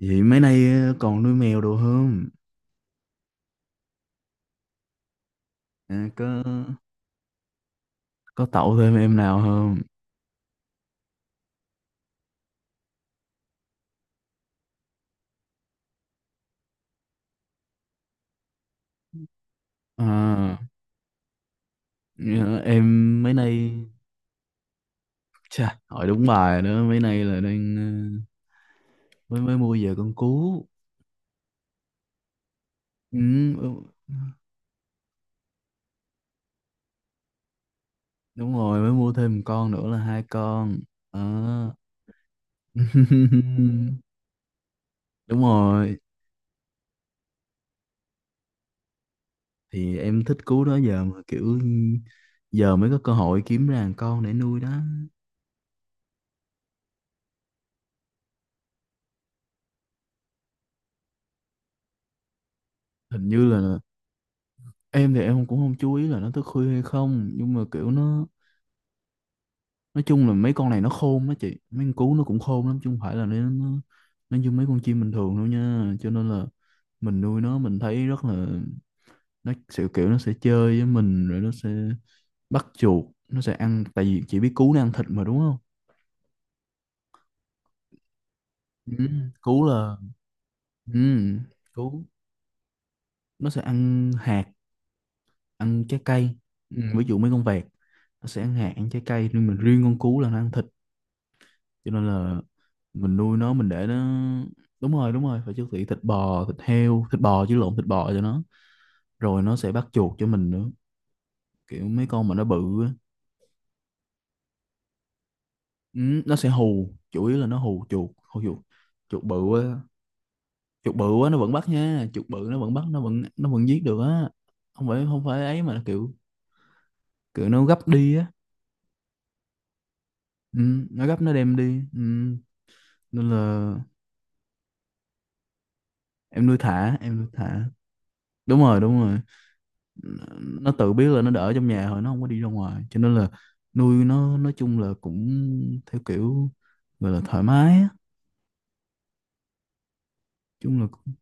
Vậy mấy nay còn nuôi mèo đồ không? À, có. Có tậu thêm em nào không? À, ờ, em mấy nay chà, hỏi đúng bài rồi đó, mấy nay là đang mới mới mua về con cú. Ừ, đúng đúng rồi, mới mua thêm một con nữa là hai con. Ờ. Đúng rồi, thì em thích cú đó giờ mà kiểu giờ mới có cơ hội kiếm ra một con để nuôi đó. Hình như là em thì em cũng không chú ý là nó thức khuya hay không, nhưng mà kiểu nó nói chung là mấy con này nó khôn đó chị, mấy con cú nó cũng khôn lắm chứ không phải là nó như mấy con chim bình thường đâu nha, cho nên là mình nuôi nó mình thấy rất là nó sẽ kiểu nó sẽ chơi với mình, rồi nó sẽ bắt chuột, nó sẽ ăn, tại vì chị biết cú nó ăn thịt mà đúng không. Ừ, cú là ừ, cú nó sẽ ăn hạt, ăn trái cây. Ừ, ví dụ mấy con vẹt nó sẽ ăn hạt ăn trái cây, nhưng mà riêng con cú là nó ăn thịt, cho nên là mình nuôi nó mình để nó đúng rồi, đúng rồi, phải chuẩn bị thịt bò, thịt heo, thịt bò chứ, lộn, thịt bò cho nó, rồi nó sẽ bắt chuột cho mình nữa, kiểu mấy con mà nó bự á. Ừ, nó sẽ hù, chủ yếu là nó hù chuột hù chuột, chuột bự á, chuột bự á nó vẫn bắt nha, chuột bự nó vẫn bắt, nó vẫn giết được á, không phải, không phải ấy, mà là kiểu kiểu nó gấp đi á. Ừ, nó gấp nó đem đi. Ừ, nên là em nuôi thả, em nuôi thả, đúng rồi đúng rồi, nó tự biết là nó đỡ trong nhà rồi, nó không có đi ra ngoài, cho nên là nuôi nó nói chung là cũng theo kiểu gọi là thoải mái á, chung là cũng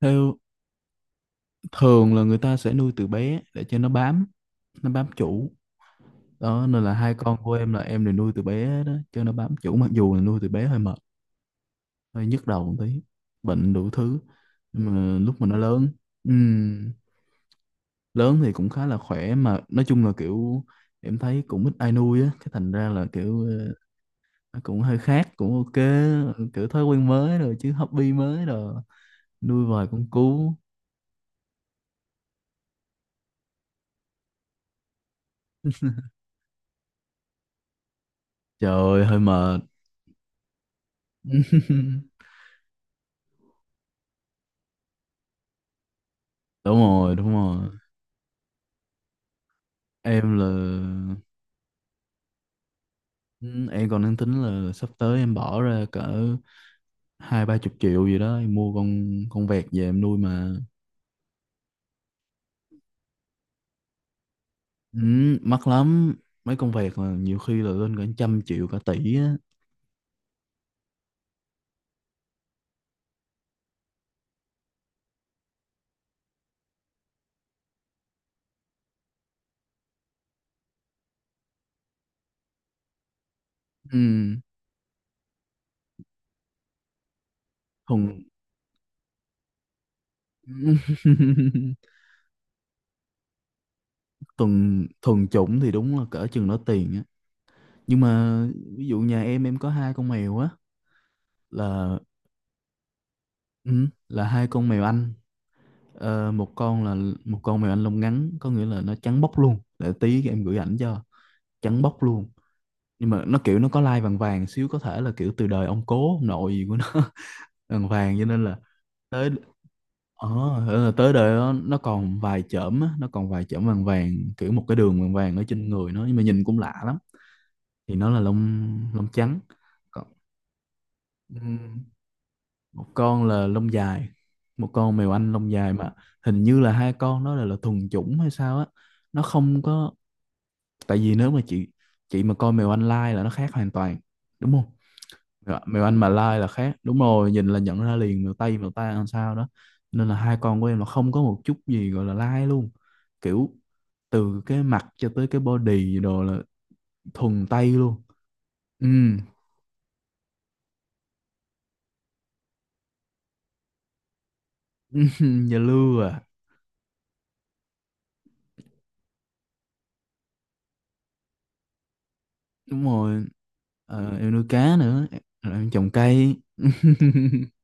theo thường là người ta sẽ nuôi từ bé để cho nó bám, nó bám chủ đó, nên là hai con của em là em đều nuôi từ bé đó cho nó bám chủ, mặc dù là nuôi từ bé hơi mệt, hơi nhức đầu một tí, bệnh đủ thứ, nhưng mà lúc mà nó lớn, ừm, lớn thì cũng khá là khỏe, mà nói chung là kiểu em thấy cũng ít ai nuôi á, cái thành ra là kiểu nó cũng hơi khác, cũng ok. Ừ, kiểu thói quen mới rồi, chứ hobby mới rồi, nuôi vài con cú trời ơi hơi mệt. Đúng rồi đúng rồi, em là ừ, em còn đang tính là sắp tới em bỏ ra cỡ hai ba chục triệu gì đó em mua con vẹt về em nuôi mà. Ừ, mắc lắm, mấy con vẹt là nhiều khi là lên cả trăm triệu, cả tỷ á. Ừ, thuần thuần thuần chủng thì đúng là cỡ chừng đó tiền, nhưng mà ví dụ nhà em có hai con mèo á, là ừ, là hai con mèo Anh. Ờ, một con là một con mèo Anh lông ngắn, có nghĩa là nó trắng bóc luôn, để tí em gửi ảnh cho, trắng bóc luôn, nhưng mà nó kiểu nó có lai vàng vàng xíu, có thể là kiểu từ đời ông cố ông nội gì của nó. Vàng vàng cho nên là tới, ờ, tới đời nó còn vài chởm á, nó còn vài chởm vàng vàng, kiểu một cái đường vàng vàng ở trên người nó, nhưng mà nhìn cũng lạ lắm, thì nó là lông lông trắng. Còn, ừ, một con là lông dài, một con mèo Anh lông dài mà hình như là hai con nó là thuần chủng hay sao á, nó không có, tại vì nếu mà chị mà coi mèo Anh lai là nó khác hoàn toàn đúng không. Mèo, mèo Anh mà lai là khác, đúng rồi nhìn là nhận ra liền, mèo Tây mèo ta làm sao đó, nên là hai con của em là không có một chút gì gọi là lai luôn, kiểu từ cái mặt cho tới cái body đồ là thuần Tây luôn. Ừ. Dạ lưa à, đúng rồi. Ờ, em nuôi cá nữa em, rồi em trồng cây.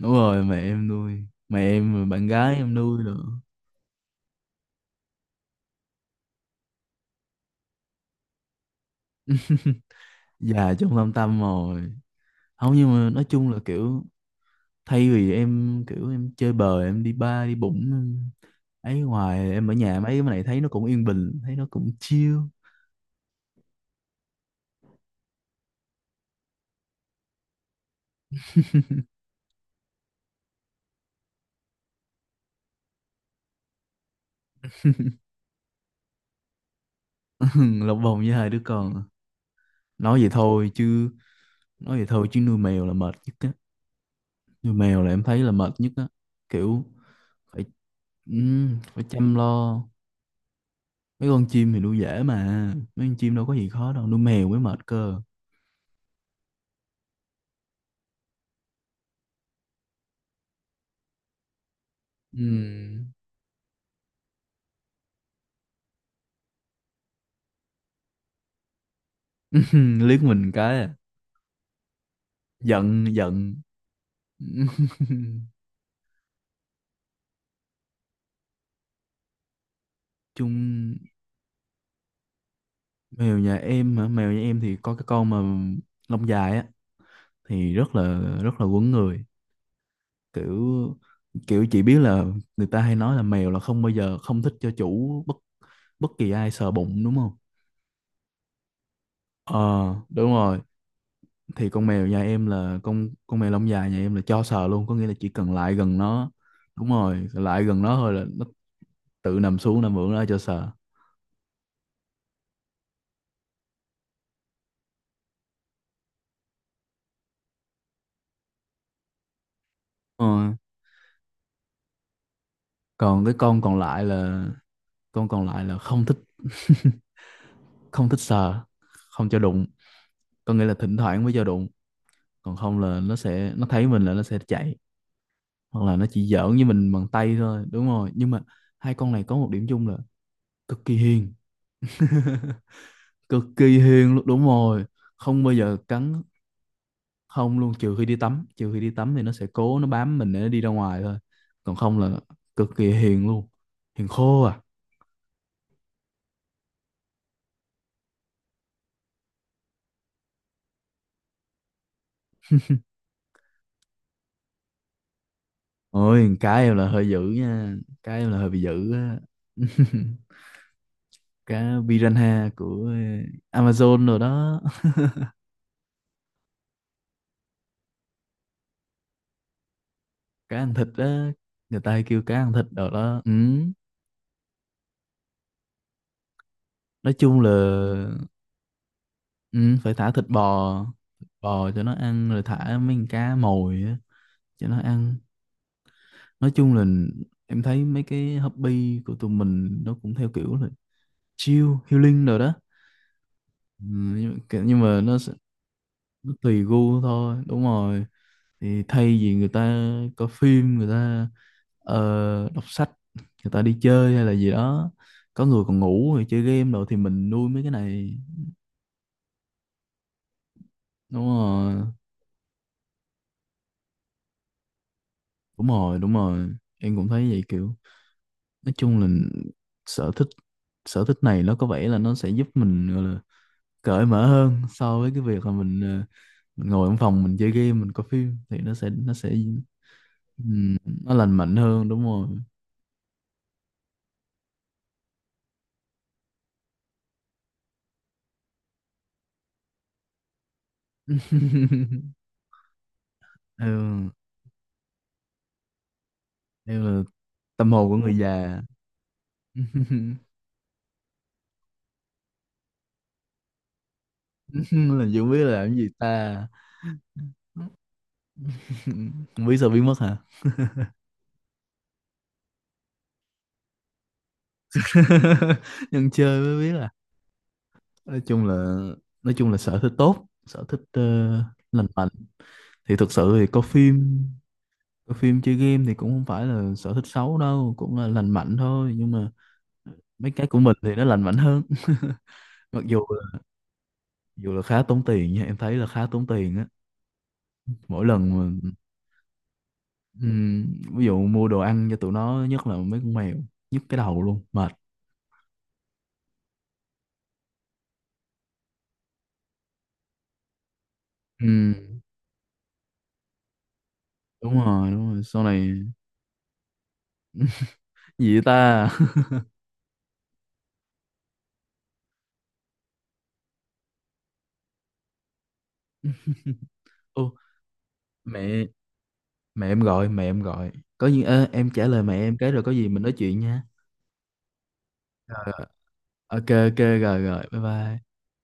Đúng rồi mẹ em nuôi, mẹ em rồi bạn gái em nuôi nữa, già trong lăm tăm rồi, không nhưng mà nói chung là kiểu thay vì em kiểu em chơi bời em đi bar đi bụng em ấy ngoài, em ở nhà mấy cái này thấy nó cũng yên bình, thấy nó cũng chill. Lộc vòng với hai đứa con, nói vậy thôi chứ, nói vậy thôi chứ, nuôi mèo là mệt nhất á, nuôi mèo là em thấy là mệt nhất á, kiểu phải phải chăm lo, mấy con chim thì nuôi dễ mà, mấy con chim đâu có gì khó đâu, nuôi mèo mới mệt cơ. Ừm. Liếc mình cái à. Giận giận. Chung mèo nhà em hả, mèo nhà em thì có cái con mà lông dài á thì rất là quấn người, kiểu kiểu chị biết là người ta hay nói là mèo là không bao giờ không thích cho chủ, bất bất kỳ ai sờ bụng đúng không. Ờ đúng rồi, thì con mèo nhà em là con mèo lông dài nhà em là cho sờ luôn, có nghĩa là chỉ cần lại gần nó đúng rồi, lại gần nó thôi là nó tự nằm xuống, nằm ngửa ra cho sờ. Ờ. Còn cái con còn lại là, con còn lại là không thích. Không thích sờ, không cho đụng, có nghĩa là thỉnh thoảng mới cho đụng, còn không là nó thấy mình là nó sẽ chạy, hoặc là nó chỉ giỡn với mình bằng tay thôi, đúng rồi, nhưng mà hai con này có một điểm chung là cực kỳ hiền, cực kỳ hiền luôn, đúng rồi, không bao giờ cắn, không luôn, trừ khi đi tắm, trừ khi đi tắm thì nó sẽ cố nó bám mình để nó đi ra ngoài thôi, còn không là cực kỳ hiền luôn, hiền khô à. Ôi cá em là hơi dữ nha, cá em là hơi bị dữ á. Cá piranha của Amazon rồi đó. Cá ăn thịt á, người ta hay kêu cá ăn thịt rồi đó. Ừ. Nói chung là ừ, phải thả thịt bò, thịt bò cho nó ăn, rồi thả mấy con cá mồi á cho nó ăn, nói chung là em thấy mấy cái hobby của tụi mình nó cũng theo kiểu là chill healing rồi đó. Ừ, nhưng, mà nhưng mà nó, sẽ, nó tùy gu thôi, đúng rồi, thì thay vì người ta coi phim, người ta đọc sách, người ta đi chơi hay là gì đó, có người còn ngủ rồi chơi game rồi thì mình nuôi mấy cái này. Đúng rồi đúng rồi đúng rồi, em cũng thấy vậy, kiểu nói chung là sở thích, sở thích này nó có vẻ là nó sẽ giúp mình cởi mở hơn so với cái việc là mình mình ngồi trong phòng mình chơi game, mình coi phim thì nó sẽ ừm, nó lành mạnh hơn, đúng rồi. Ừ, em là tâm hồn của người già. Làm gì không biết là làm cái gì ta. Không biết sao biết mất hả. Nhân chơi mới biết là, nói chung là, nói chung là sở thích tốt, sở thích lành mạnh, thì thực sự thì coi phim, coi phim chơi game thì cũng không phải là sở thích xấu đâu, cũng là lành mạnh thôi, nhưng mà mấy cái của mình thì nó lành mạnh hơn. Mặc dù là khá tốn tiền nha, em thấy là khá tốn tiền á mỗi lần mà ừm, ví dụ mua đồ ăn cho tụi nó, nhất là mấy con mèo, nhức cái đầu luôn, mệt. Ừm. Đúng rồi đúng rồi sau này, gì vậy ta. Ô mẹ, mẹ em gọi, mẹ em gọi, có gì ơ, em trả lời mẹ em cái rồi có gì mình nói chuyện nha. Rồi, rồi. Ok ok rồi rồi bye bye